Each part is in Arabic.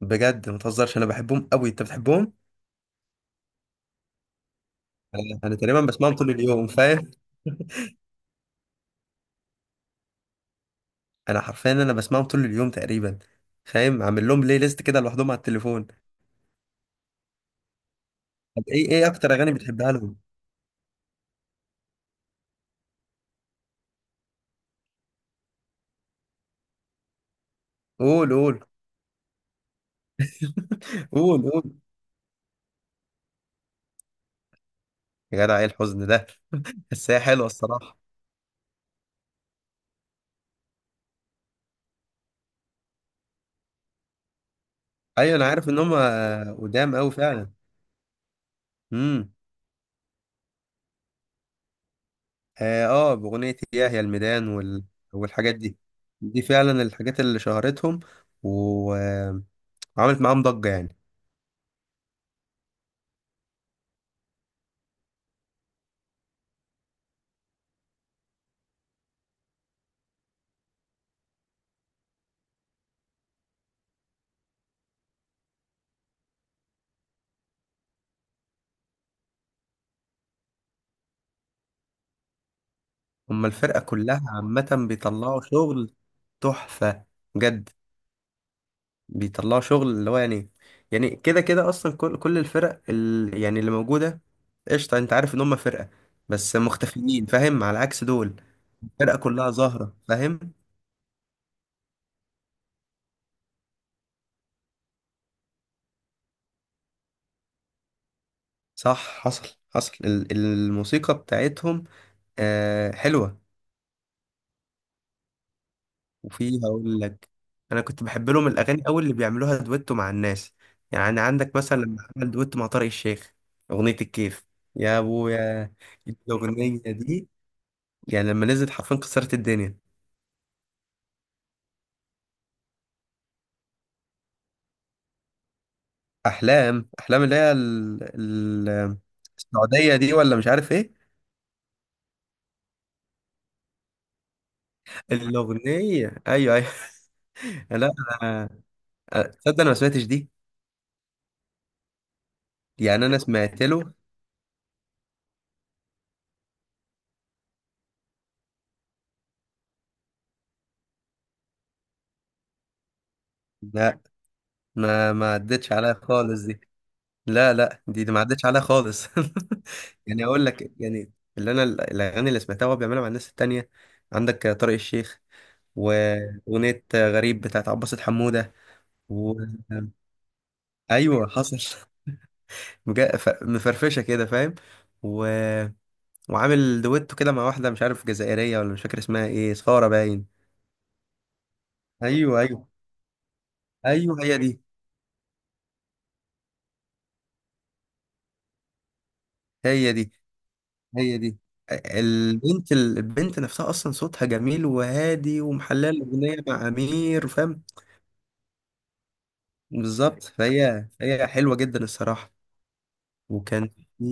بجد ما تهزرش، انا بحبهم قوي، انت بتحبهم؟ انا تقريبا بسمعهم طول اليوم، فاهم. انا حرفيا انا بسمعهم طول اليوم تقريبا. فاهم، عامل لهم بلاي ليست كده لوحدهم على التليفون. طب ايه اكتر اغاني بتحبها لهم؟ قول. قول. يا جدع، ايه الحزن ده؟ بس هي حلوه الصراحه. ايوه انا عارف ان هم قدام قوي فعلا. امم. اه آه، باغنيه ياه، يا الميدان والحاجات دي. دي فعلا الحاجات اللي شهرتهم. و... آه، وعملت معاهم ضجه يعني. هما الفرقة كلها عامة بيطلعوا شغل تحفة بجد. بيطلعوا شغل اللي هو يعني، يعني كده كده أصلا كل الفرق يعني اللي موجودة. قشطة، أنت عارف إن هما فرقة بس مختفيين، فاهم، على عكس دول. الفرقة كلها ظاهرة فاهم. صح، حصل حصل الموسيقى بتاعتهم آه حلوة. وفي هقول لك، انا كنت بحب لهم الاغاني قوي اللي بيعملوها دويتو مع الناس. يعني عندك مثلا لما عمل دويتو مع طارق الشيخ، اغنيه الكيف. يا ابويا الاغنيه دي، يعني لما نزلت حرفيا كسرت الدنيا. احلام اللي هي السعوديه دي، ولا مش عارف ايه؟ الاغنيه، ايوه ايوه. لا انا، تصدق انا ما سمعتش دي. يعني انا سمعت له. لا، ما ما عدتش عليا خالص دي. لا لا دي, دي ما عدتش عليها خالص. يعني اقول لك يعني، اللي انا الاغاني اللي سمعتها وهو بيعملها مع الناس التانية، عندك طارق الشيخ، واغنية غريب بتاعت عباسة حمودة. و... ايوه حصل. مفرفشه كده فاهم. و... وعامل دويتو كده مع واحده مش عارف جزائريه، ولا مش فاكر اسمها ايه، صخاره باين. ايوه ايوه. ايوه هي دي. هي دي. هي دي. البنت، البنت نفسها اصلا صوتها جميل وهادي ومحلله الاغنيه مع امير، فاهم. بالظبط، فهي هي حلوه جدا الصراحه. وكان في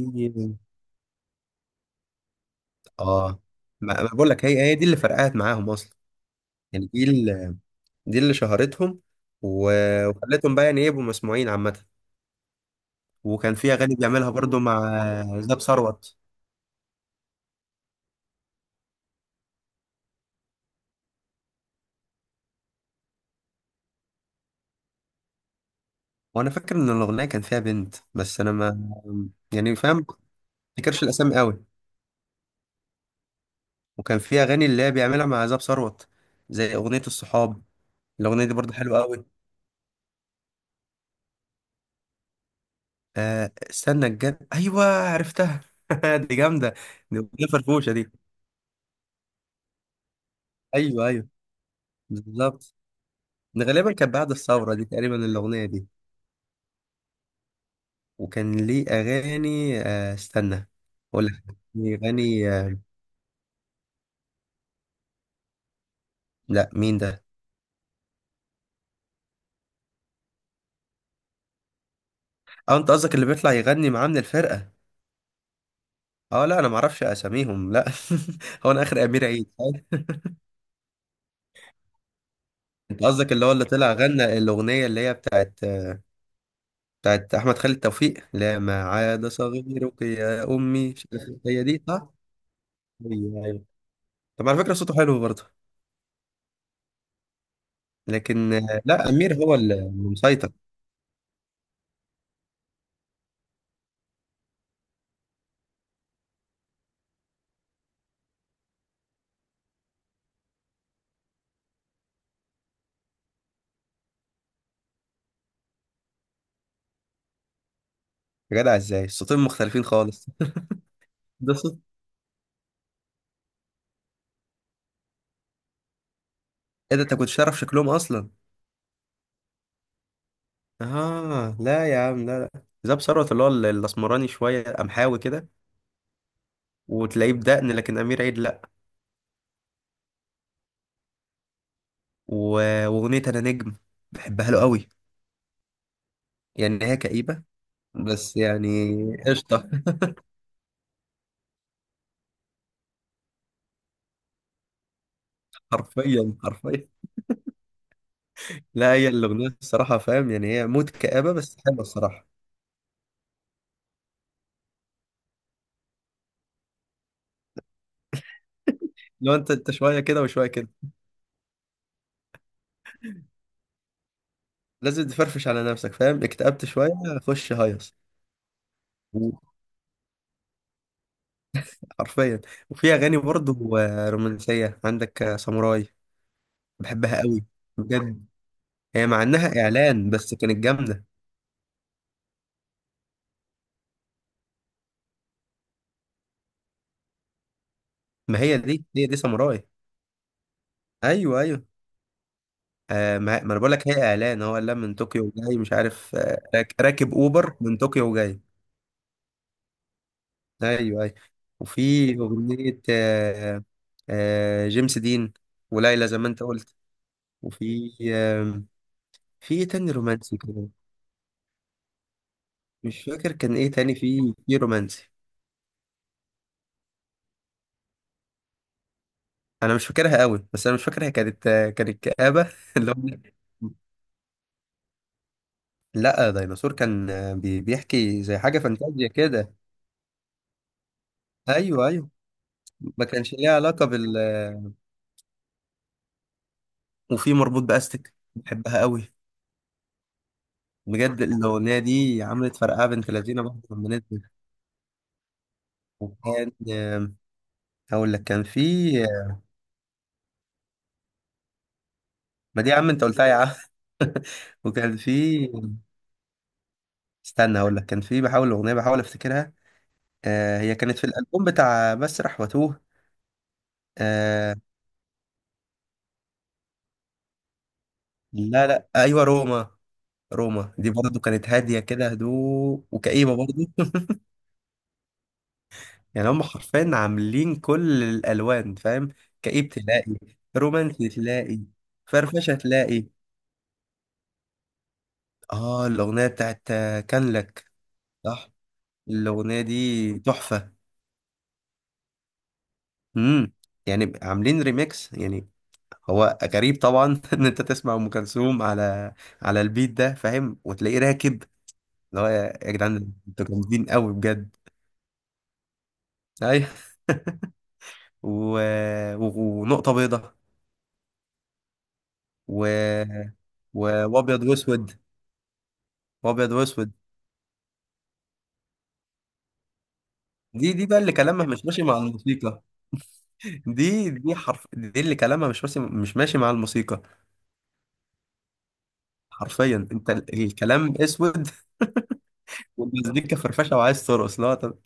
اه، ما ما بقول لك، هي هي دي اللي فرقعت معاهم اصلا. يعني دي اللي، دي اللي شهرتهم وخلتهم بقى يعني إيه، يبقوا مسموعين عامه. وكان في اغاني بيعملها برضو مع زاب ثروت. وانا فاكر ان الاغنيه كان فيها بنت بس انا ما، يعني فاهم، ما افتكرش الاسامي قوي. وكان في اغاني اللي هي بيعملها مع زاب ثروت، زي اغنيه الصحاب. الاغنيه دي برضو حلوه قوي. آه استنى، الجن، ايوه عرفتها. دي جامده. دي اغنيه فرفوشه دي. ايوه ايوه بالظبط. ده غالبا كانت بعد الثوره دي تقريبا الاغنيه دي. وكان ليه اغاني آه استنى، اقول لك، يغني آه. لا مين ده؟ اه انت قصدك اللي بيطلع يغني معاه من الفرقه؟ اه لا انا ما اعرفش اساميهم لا. هو انا اخر امير عيد فاهم؟ انت قصدك اللي هو اللي طلع غنى الاغنيه اللي هي بتاعت، بتاعت احمد خالد توفيق؟ لا ما عاد صغيرك يا امي، مش عارف إيه. هي دي صح. ايوه أيوة. طب على فكرة صوته حلو برضه. لكن آه، لا، أمير هو اللي مسيطر. يا جدع ازاي الصوتين مختلفين خالص! ده صوت ايه ده؟ انت كنتش تعرف شكلهم اصلا؟ اه لا يا عم، لا لا. زاب ثروت اللي هو الاسمراني شوية، قمحاوي كده، وتلاقيه بدقن، لكن أمير عيد لا. وأغنية أنا نجم بحبها له قوي. يعني هي كئيبة بس يعني قشطة. حرفيا حرفيا. لا هي الأغنية الصراحة فاهم، يعني هي موت كآبة، بس حلوة الصراحة. لو انت، انت شوية كده وشوية كده، لازم تفرفش على نفسك فاهم. اكتئبت شويه، خش هيص. حرفيا. وفي اغاني برضه آه، رومانسيه، عندك آه، ساموراي، بحبها قوي بجد. هي مع انها اعلان بس كانت جامده. ما هي دي، هي دي ساموراي. ايوه ايوه. آه ما ما انا بقول لك، هي اعلان، هو قال من طوكيو وجاي، مش عارف آه، راكب اوبر من طوكيو وجاي. ايوه ايوه. وفي اغنيه آه، آه جيمس دين وليلى، زي ما انت قلت. وفي آه، في إيه تاني رومانسي كده؟ مش فاكر كان ايه تاني في في رومانسي. انا مش فاكرها قوي، بس انا مش فاكر هي كانت، كانت كآبة. اللي هو، لا ديناصور كان بيحكي زي حاجة فانتازيا كده. ايوه ايوه، ما كانش ليها علاقة بال. وفي مربوط باستك بحبها قوي. بجد الاغنية دي عملت فرقعة بنت لذينة برضه لما نزلت. وكان آم، هقول لك كان في، ما دي يا عم انت قلتها يا عم. وكان في، استنى هقول لك كان في، بحاول اغنية بحاول افتكرها. آه هي كانت في الألبوم بتاع مسرح وتوه، آه لا لا أيوة روما. روما دي برضه كانت هادية كده هدوء، وكئيبة برضه. يعني هم حرفيا عاملين كل الألوان فاهم. كئيب تلاقي، رومانسي تلاقي، فرفشة تلاقي. اه الأغنية بتاعت آه، كان لك. صح، الأغنية دي تحفة. امم. يعني عاملين ريميكس يعني. هو غريب طبعا ان انت تسمع ام كلثوم على على البيت ده فاهم، وتلاقيه راكب، اللي هو يا، يا جدعان انتوا جامدين قوي بجد. ايوه. و... و... ونقطة بيضة. و... و... وابيض واسود. وابيض واسود دي، دي بقى اللي كلامها مش ماشي مع الموسيقى. دي دي حرف، دي اللي كلامها مش ماشي، مش ماشي مع الموسيقى. حرفيا انت، الكلام اسود والمزيكا فرفشه وعايز ترقص، لا طب.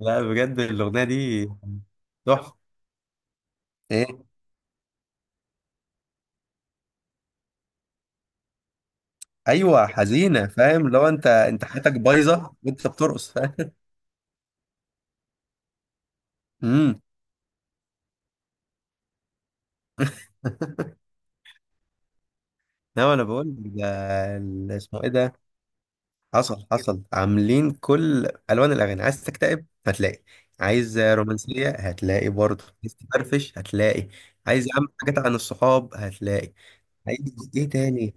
لا بجد الاغنيه دي تحفه. ايه؟ ايوه حزينه، فاهم، لو انت، انت حياتك بايظه وانت بترقص فاهم. امم. لا انا بقول ده، اسمه ايه ده؟ حصل حصل، عاملين كل الوان الاغاني. عايز تكتئب هتلاقي، عايز رومانسيه هتلاقي برضه، عايز تفرفش هتلاقي، عايز يا عم حاجات عن الصحاب هتلاقي، عايز ايه تاني؟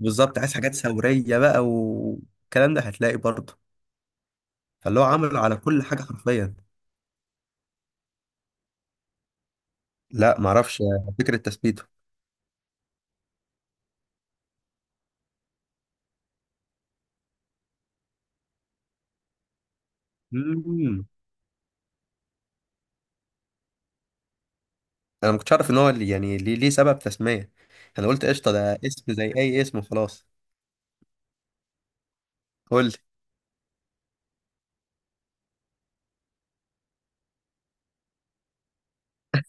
بالظبط، عايز حاجات ثوريه بقى والكلام ده هتلاقي برضه. فاللي هو عمله على كل حاجه حرفيا. لا معرفش. فكره تثبيته. مم. انا ما كنتش اعرف ان هو يعني ليه، ليه سبب تسميه. انا قلت قشطه ده اسم زي اي اسم وخلاص. قول.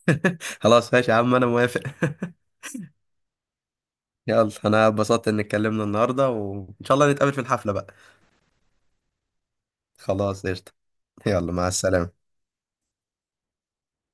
خلاص ماشي يا عم، انا موافق. يلا انا اتبسطت ان اتكلمنا النهارده، وان شاء الله نتقابل في الحفله بقى. خلاص قشطه. يلا، مع السلامه.